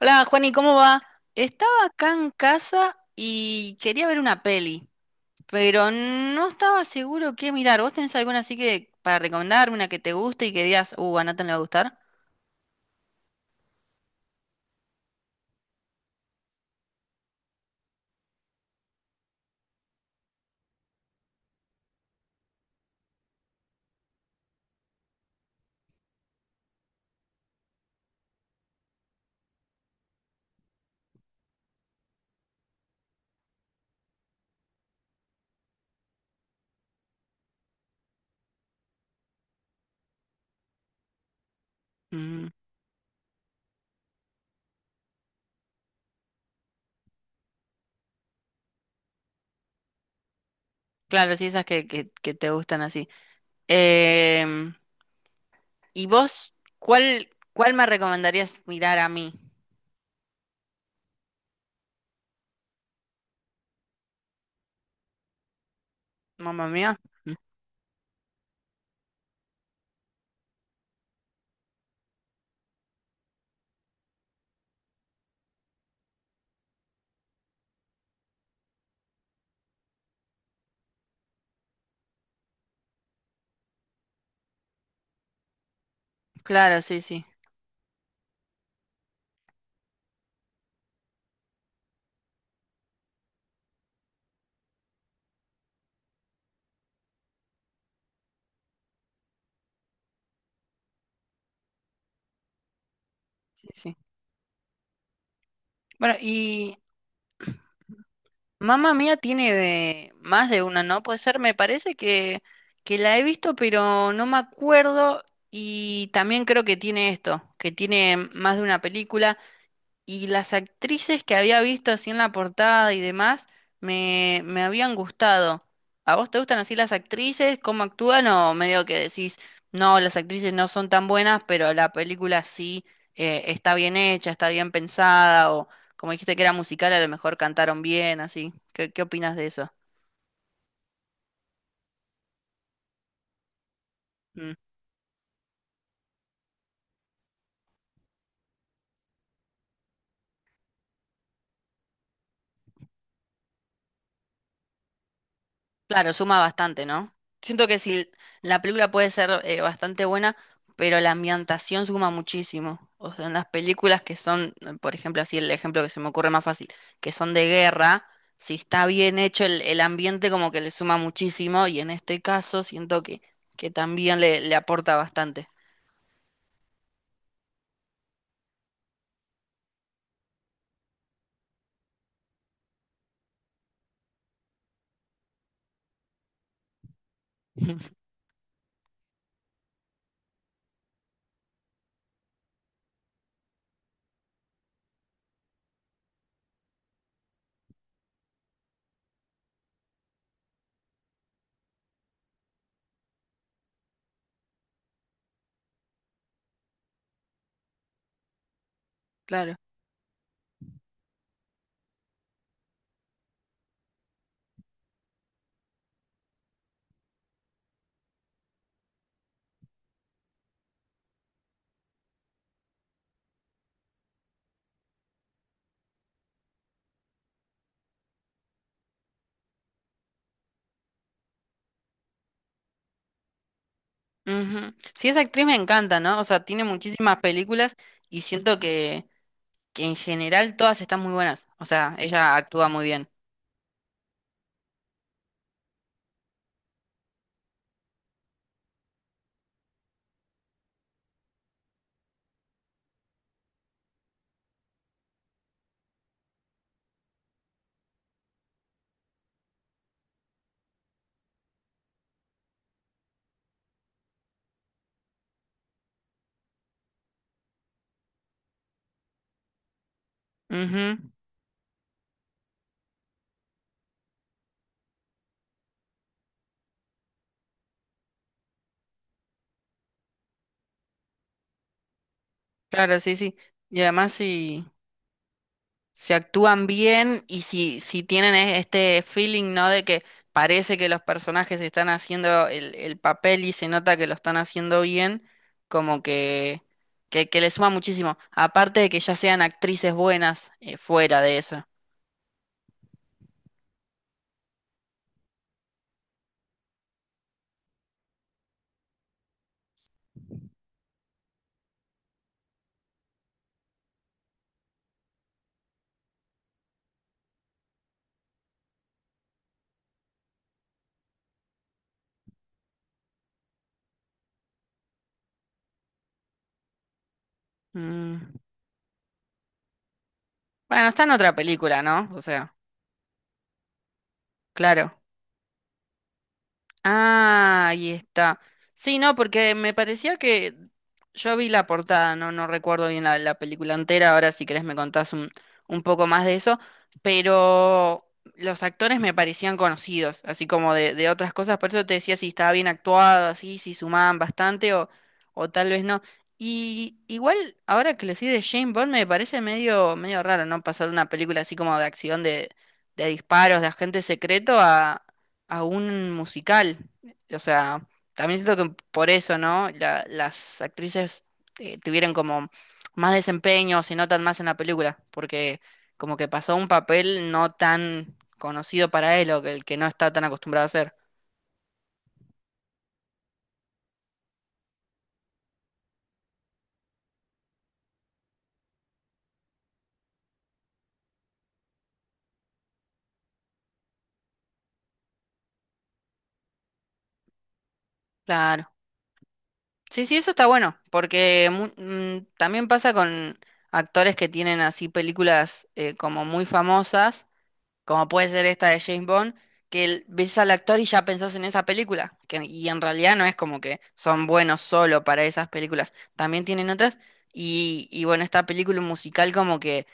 Hola, Juani, ¿cómo va? Estaba acá en casa y quería ver una peli, pero no estaba seguro qué mirar. ¿Vos tenés alguna así que para recomendarme, una que te guste y que digas, a Nathan le va a gustar? Mm, claro, sí, esas que te gustan así. Em, ¿Y vos cuál me recomendarías mirar a mí? Mamma mía. Claro, sí, sí, sí, sí. Bueno, y Mamma Mía tiene más de una, ¿no? Puede ser, me parece que la he visto, pero no me acuerdo. Y también creo que tiene esto, que tiene más de una película. Y las actrices que había visto así en la portada y demás me habían gustado. ¿A vos te gustan así las actrices? ¿Cómo actúan? O medio que decís, no, las actrices no son tan buenas, pero la película sí está bien hecha, está bien pensada, o como dijiste que era musical, a lo mejor cantaron bien, así. ¿Qué opinas de eso? Claro, suma bastante, ¿no? Siento que si la película puede ser bastante buena, pero la ambientación suma muchísimo. O sea, en las películas que son, por ejemplo, así el ejemplo que se me ocurre más fácil, que son de guerra, si está bien hecho el ambiente como que le suma muchísimo y en este caso siento que también le aporta bastante. Claro. Ujú. Sí, esa actriz me encanta, ¿no? O sea, tiene muchísimas películas y siento que en general todas están muy buenas. O sea, ella actúa muy bien. Ujú, claro, sí, sí. Y además si actúan bien y si tienen este feeling, ¿no? De que parece que los personajes están haciendo el papel y se nota que lo están haciendo bien, como que le suma muchísimo. Aparte de que ya sean actrices buenas fuera de eso. Mm. Bueno, está en otra película, ¿no? O sea, claro. Ah, ahí está. Sí, no, porque me parecía que yo vi la portada, no, no recuerdo bien la película entera, ahora si querés me contás un poco más de eso, pero los actores me parecían conocidos, así como de otras cosas, por eso te decía si estaba bien actuado, así, si sumaban bastante o tal vez no. Y igual, ahora que lo decís de James Bond, me parece medio, medio raro, ¿no? Pasar una película así como de acción de disparos, de agente secreto a un musical. O sea, también siento que por eso, ¿no? Las actrices tuvieron como más desempeño, se notan más en la película, porque como que pasó un papel no tan conocido para él o que el que no está tan acostumbrado a hacer. Claro. Sí, sí, eso está bueno, porque también pasa con actores que tienen así películas como muy famosas como puede ser esta de James Bond, que ves al actor y ya pensás en esa película, que, y en realidad no es como que son buenos solo para esas películas, también tienen otras, y bueno, esta película musical como que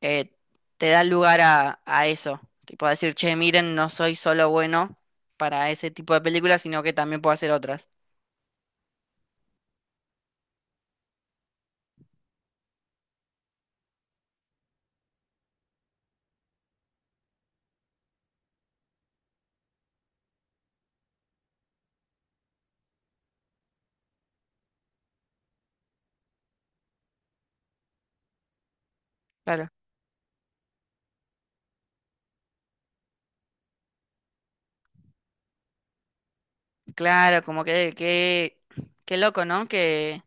eh, te da lugar a eso, que puedo decir, che, miren, no soy solo bueno para ese tipo de películas, sino que también puedo hacer otras. Claro, claro, como qué loco, ¿no?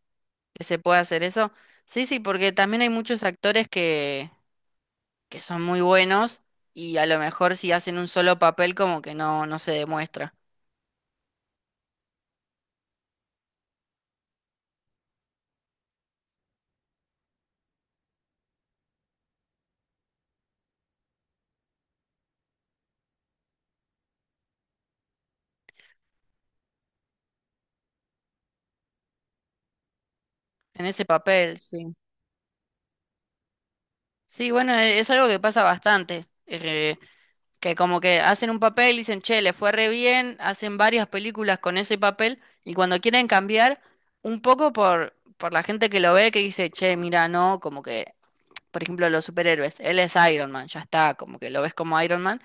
Que se pueda hacer eso. Sí, sí, porque también hay muchos actores que son muy buenos y a lo mejor si hacen un solo papel como que no, no se demuestra. En ese papel, sí. Sí, bueno, es, algo que pasa bastante, que como que hacen un papel y dicen, che, le fue re bien, hacen varias películas con ese papel y cuando quieren cambiar, un poco por la gente que lo ve que dice, che, mira, no, como que por ejemplo, los superhéroes. Él es Iron Man, ya está, como que lo ves como Iron Man.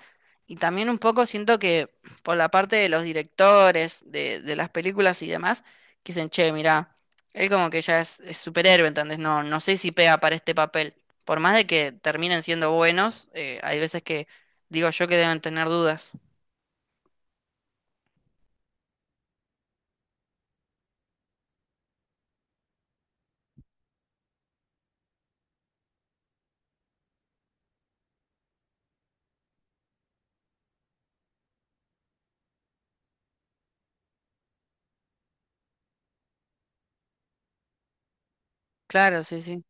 Y también un poco siento que por la parte de los directores, de las películas y demás, que dicen, che, mirá, él como que ya es superhéroe, ¿entendés? No, no sé si pega para este papel. Por más de que terminen siendo buenos, hay veces que digo yo que deben tener dudas. Claro, sí, sí.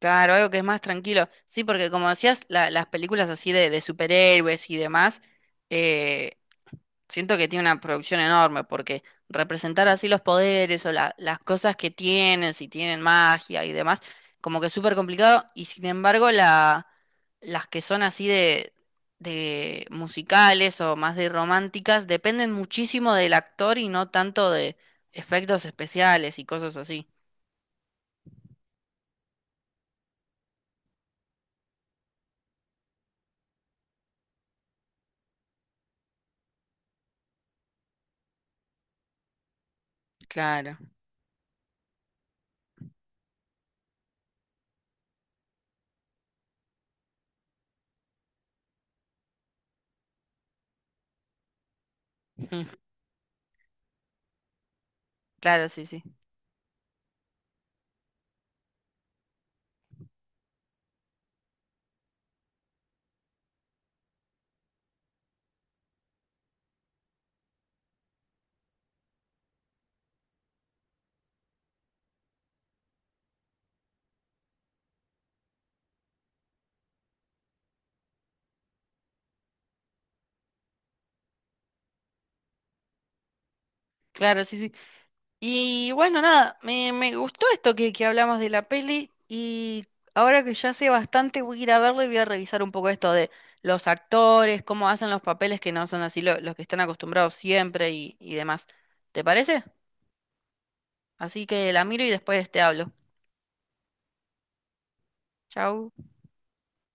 Claro, algo que es más tranquilo. Sí, porque como decías, las películas así de superhéroes y demás, eh, siento que tiene una producción enorme porque representar así los poderes o las cosas que tienen, si tienen magia y demás, como que es súper complicado. Y sin embargo, la, las que son así de musicales o más de románticas dependen muchísimo del actor y no tanto de efectos especiales y cosas así. Claro, claro, sí, sí. Claro, sí, sí. Y bueno, nada, me gustó esto que hablamos de la peli y ahora que ya sé bastante voy a ir a verlo y voy a revisar un poco esto de los actores, cómo hacen los papeles que no son así los que están acostumbrados siempre y demás. ¿Te parece? Así que la miro y después te hablo. Chau.